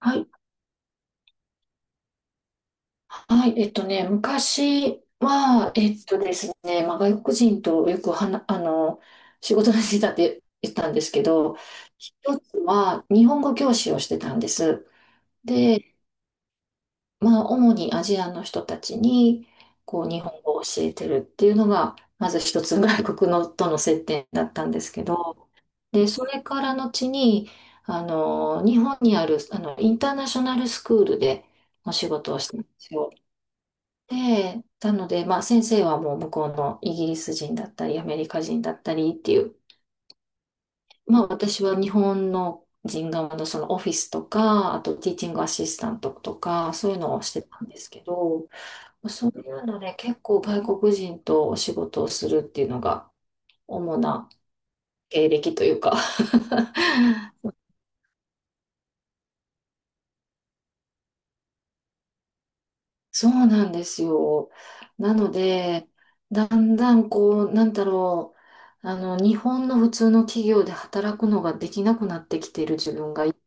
はい、はい、昔は、えっとですね、まあ、外国人とよくはな、あの、仕事のしてたって言ったんですけど、一つは日本語教師をしてたんです。で、まあ、主にアジアの人たちに、こう、日本語を教えてるっていうのが、まず一つ外国のとの接点だったんですけど、で、それから後に、日本にある、インターナショナルスクールでお仕事をしたんですよ。で、なので、まあ先生はもう向こうのイギリス人だったり、アメリカ人だったりっていう、まあ私は日本の人側のそのオフィスとか、あとティーチングアシスタントとか、そういうのをしてたんですけど、そういうので結構外国人とお仕事をするっていうのが主な経歴というかそうなんですよ。なので、だんだんこう、日本の普通の企業で働くのができなくなってきている自分がいて、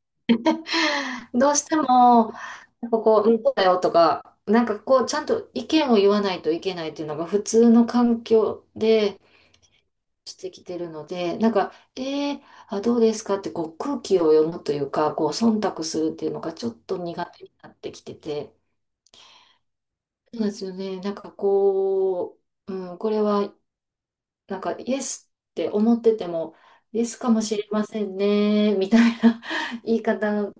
どうしても、なんかこう、うんこうだよとか、なんかこう、ちゃんと意見を言わないといけないっていうのが普通の環境でしてきてるので、あ、どうですかってこう空気を読むというか、こう、忖度するっていうのがちょっと苦手になってきてて、そうですよね。なんかこう、うん、これは、なんか、イエスって思ってても、イエスかもしれませんね、みたいな 言い方が、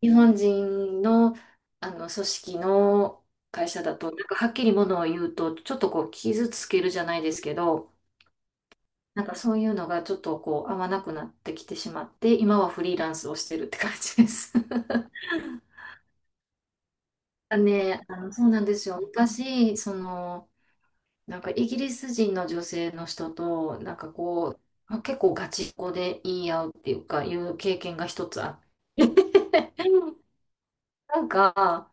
日本人の、組織の会社だと、なんかはっきりものを言うと、ちょっとこう、傷つけるじゃないですけど、なんかそういうのがちょっとこう、合わなくなってきてしまって、今はフリーランスをしてるって感じです。ね、そうなんですよ。昔、その、なんかイギリス人の女性の人と、なんかこう、結構ガチンコで言い合うっていうか、いう経験が一つあって。なんか、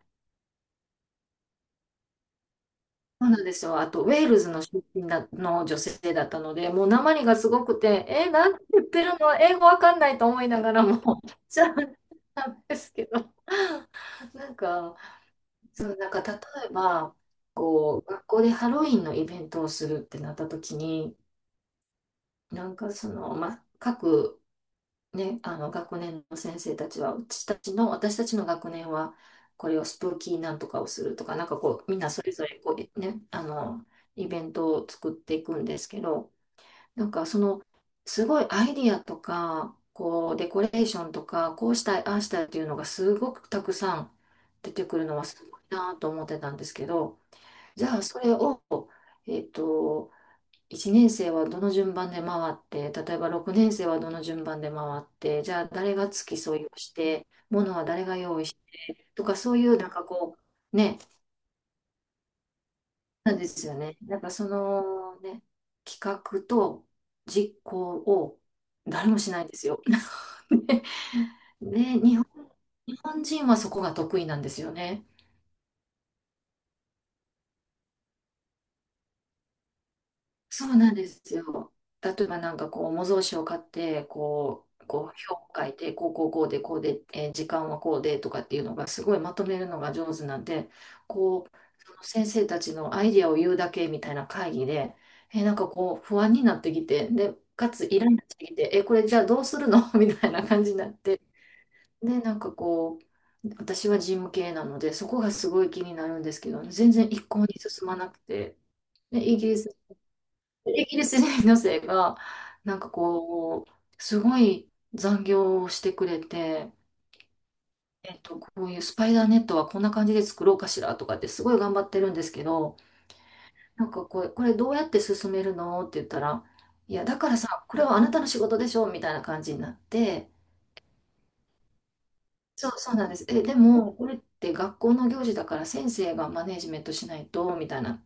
そうなんですよ。あと、ウェールズの出身だの女性だったので、もう訛りがすごくて、え、なんて言ってるの英語わかんないと思いながらも、じゃあ、なんですけど、なんか、そう、なんか例えば、こう、学校でハロウィンのイベントをするってなった時に、なんかその、まあ、各ね、学年の先生たちは、うちたちの、私たちの学年は、これをスプーキーなんとかをするとか、なんかこう、みんなそれぞれこう、ね、イベントを作っていくんですけど、なんかその、すごいアイディアとか、こう、デコレーションとか、こうしたい、ああしたいっていうのがすごくたくさん出てくるのはすごいなと思ってたんですけど、じゃあそれを、えっと、1年生はどの順番で回って、例えば6年生はどの順番で回って、じゃあ誰が付き添いをして、物は誰が用意してとか、そういうなんかこう、ね、なんですよね。なんかそのね、企画と実行を誰もしないんですよ。で、日本人はそこが得意なんですよね。そうなんですよ。例えばなんかこう、模造紙を買って、こう、こう、表を書いて、こう、こう、こうで、こうで、えー時間はこうでとかっていうのが、すごいまとめるのが上手なんで、こう、その先生たちのアイディアを言うだけみたいな会議で、えーなんかこう、不安になってきて、で、かつイライラしてきて、えーこれじゃあどうするの みたいな感じになって、で、なんかこう、私は事務系なので、そこがすごい気になるんですけど、全然一向に進まなくて、でイギリス人女性が、なんかこう、すごい残業をしてくれて、えっと、こういうスパイダーネットはこんな感じで作ろうかしらとかってすごい頑張ってるんですけど、これどうやって進めるのって言ったら、いや、だからさ、これはあなたの仕事でしょみたいな感じになって、そうなんです。え、でも、これって学校の行事だから先生がマネージメントしないと、みたいな。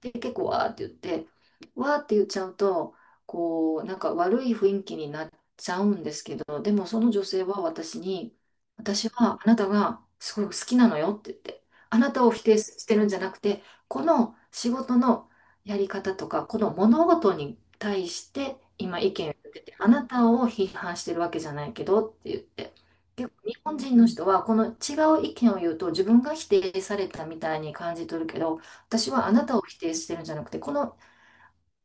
で、結構わーって言って、わーって言っちゃうと、こう、なんか悪い雰囲気になっちゃうんですけど、でもその女性は私に、私はあなたがすごい好きなのよって言って、あなたを否定してるんじゃなくて、この仕事のやり方とか、この物事に対して今意見を言ってて、あなたを批判してるわけじゃないけどって言って。結構日本人の人はこの違う意見を言うと自分が否定されたみたいに感じ取るけど、私はあなたを否定してるんじゃなくて、この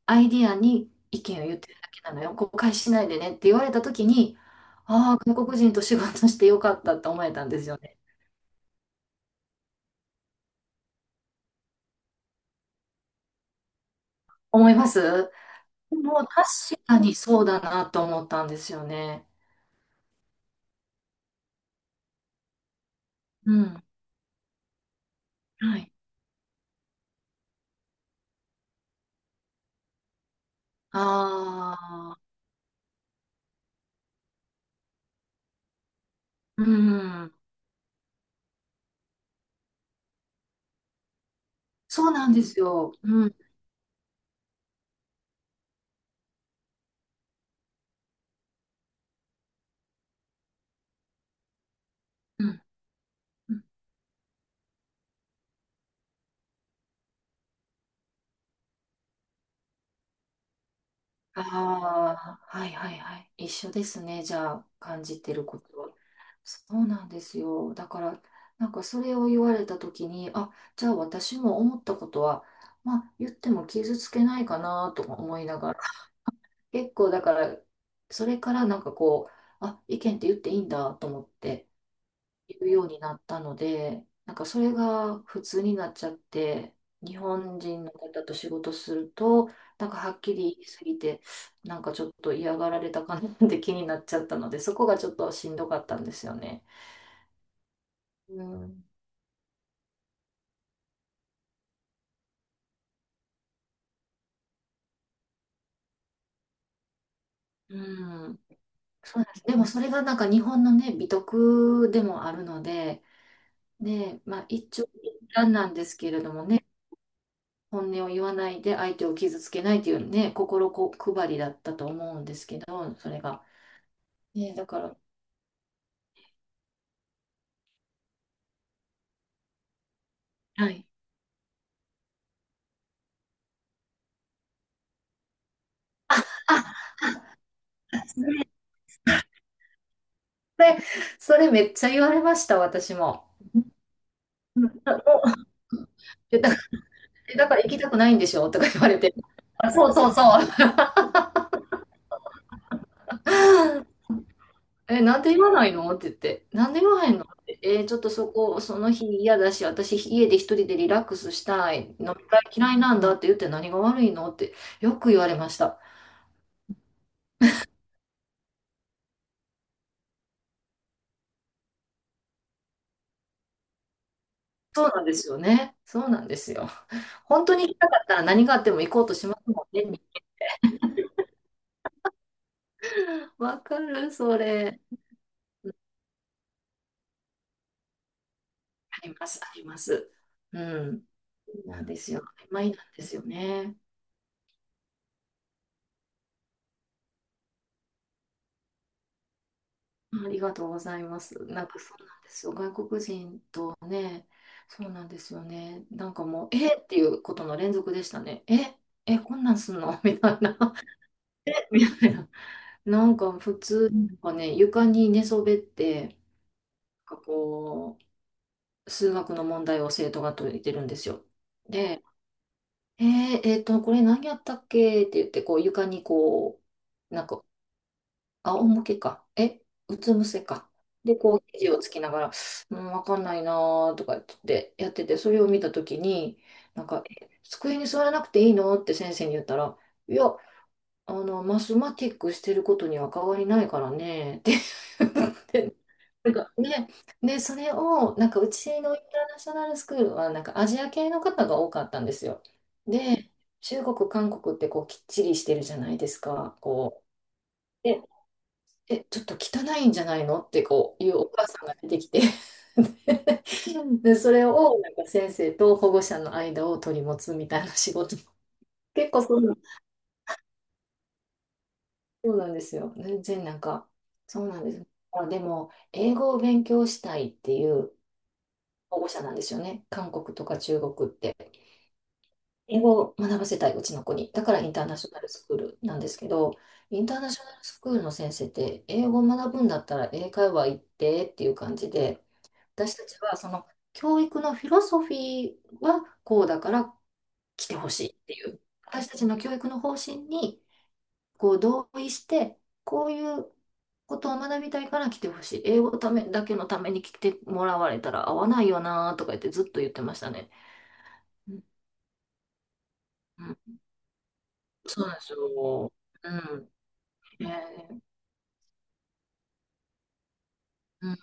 アイディアに意見を言ってるだけなのよ。誤解しないでねって言われたときに、ああ、外国人と仕事してよかったって思えたんですよね。思いますでもう確かにそうだなと思ったんですよね。うん。はい。ああ、うん。そうなんですよ。うん。うん。ああ、はいはいはい。一緒ですね。じゃあ、感じてることは。そうなんですよ。だから、なんかそれを言われたときに、あ、じゃあ私も思ったことは、まあ言っても傷つけないかなとか思いながら、結構だから、それからなんかこう、あ、意見って言っていいんだと思って、言うようになったので、なんかそれが普通になっちゃって、日本人の方と仕事すると、なんかはっきり言いすぎて、なんかちょっと嫌がられたかなって気になっちゃったので、そこがちょっとしんどかったんですよね。うん。うん。そうなんです。でもそれがなんか日本のね、美徳でもあるので、ね、まあ一長一短なんですけれどもね、本音を言わないで相手を傷つけないというね、心こ配りだったと思うんですけど、それが。ねえ、だから、はい。あ、それ、それめっちゃ言われました、私も。だ、えだえだから行きたくないんでしょとか言われて。あ、そうそうそう。え、なんで言わないのって言って。なんで言わへんのって。えちょっとそこ、その日嫌だし、私家で一人でリラックスしたい。飲み会嫌いなんだって言って何が悪いのってよく言われました。そうなんですよね。そうなんですよ。本当に行きたかったら何があっても行こうとしますもんね。わかる、それ。あります、あります。うん。なんですよ。曖昧なんですよね。ありがとうございます。なんかそうなんですよ。外国人とね、そうなんですよね。なんかもう、えっていうことの連続でしたね。え、え、こんなんすんの みたいな。みたいな。なんか普通、なんかね、床に寝そべって、なんかこう、数学の問題を生徒が解いてるんですよ。で、えこれ何やったっけって言って、こう床にこう、なんか仰向けか。え、うつ伏せか。で、こう、肘をつきながら、うん、わかんないなーとか言ってやってて、それを見たときに、なんか、え机に座らなくていいのって先生に言ったら、いや、マスマティックしてることには変わりないからね、って 言ってなんかね、で、それを、なんか、うちのインターナショナルスクールは、なんか、アジア系の方が多かったんですよ。で、中国、韓国って、こう、きっちりしてるじゃないですか。こう。でえ、ちょっと汚いんじゃないのってこういうお母さんが出てきて で、それをなんか先生と保護者の間を取り持つみたいな仕事。結構そうな、そうなんですよ。全然なんか、そうなんです。あ、でも、英語を勉強したいっていう保護者なんですよね。韓国とか中国って。英語を学ばせたい、うちの子に。だからインターナショナルスクールなんですけど、インターナショナルスクールの先生って、英語を学ぶんだったら英会話行ってっていう感じで、私たちはその教育のフィロソフィーはこうだから来てほしいっていう、私たちの教育の方針にこう同意して、こういうことを学びたいから来てほしい。英語ためだけのために来てもらわれたら合わないよなとか言ってずっと言ってましたね。うん、うんそうなんですよ。うん。えーうん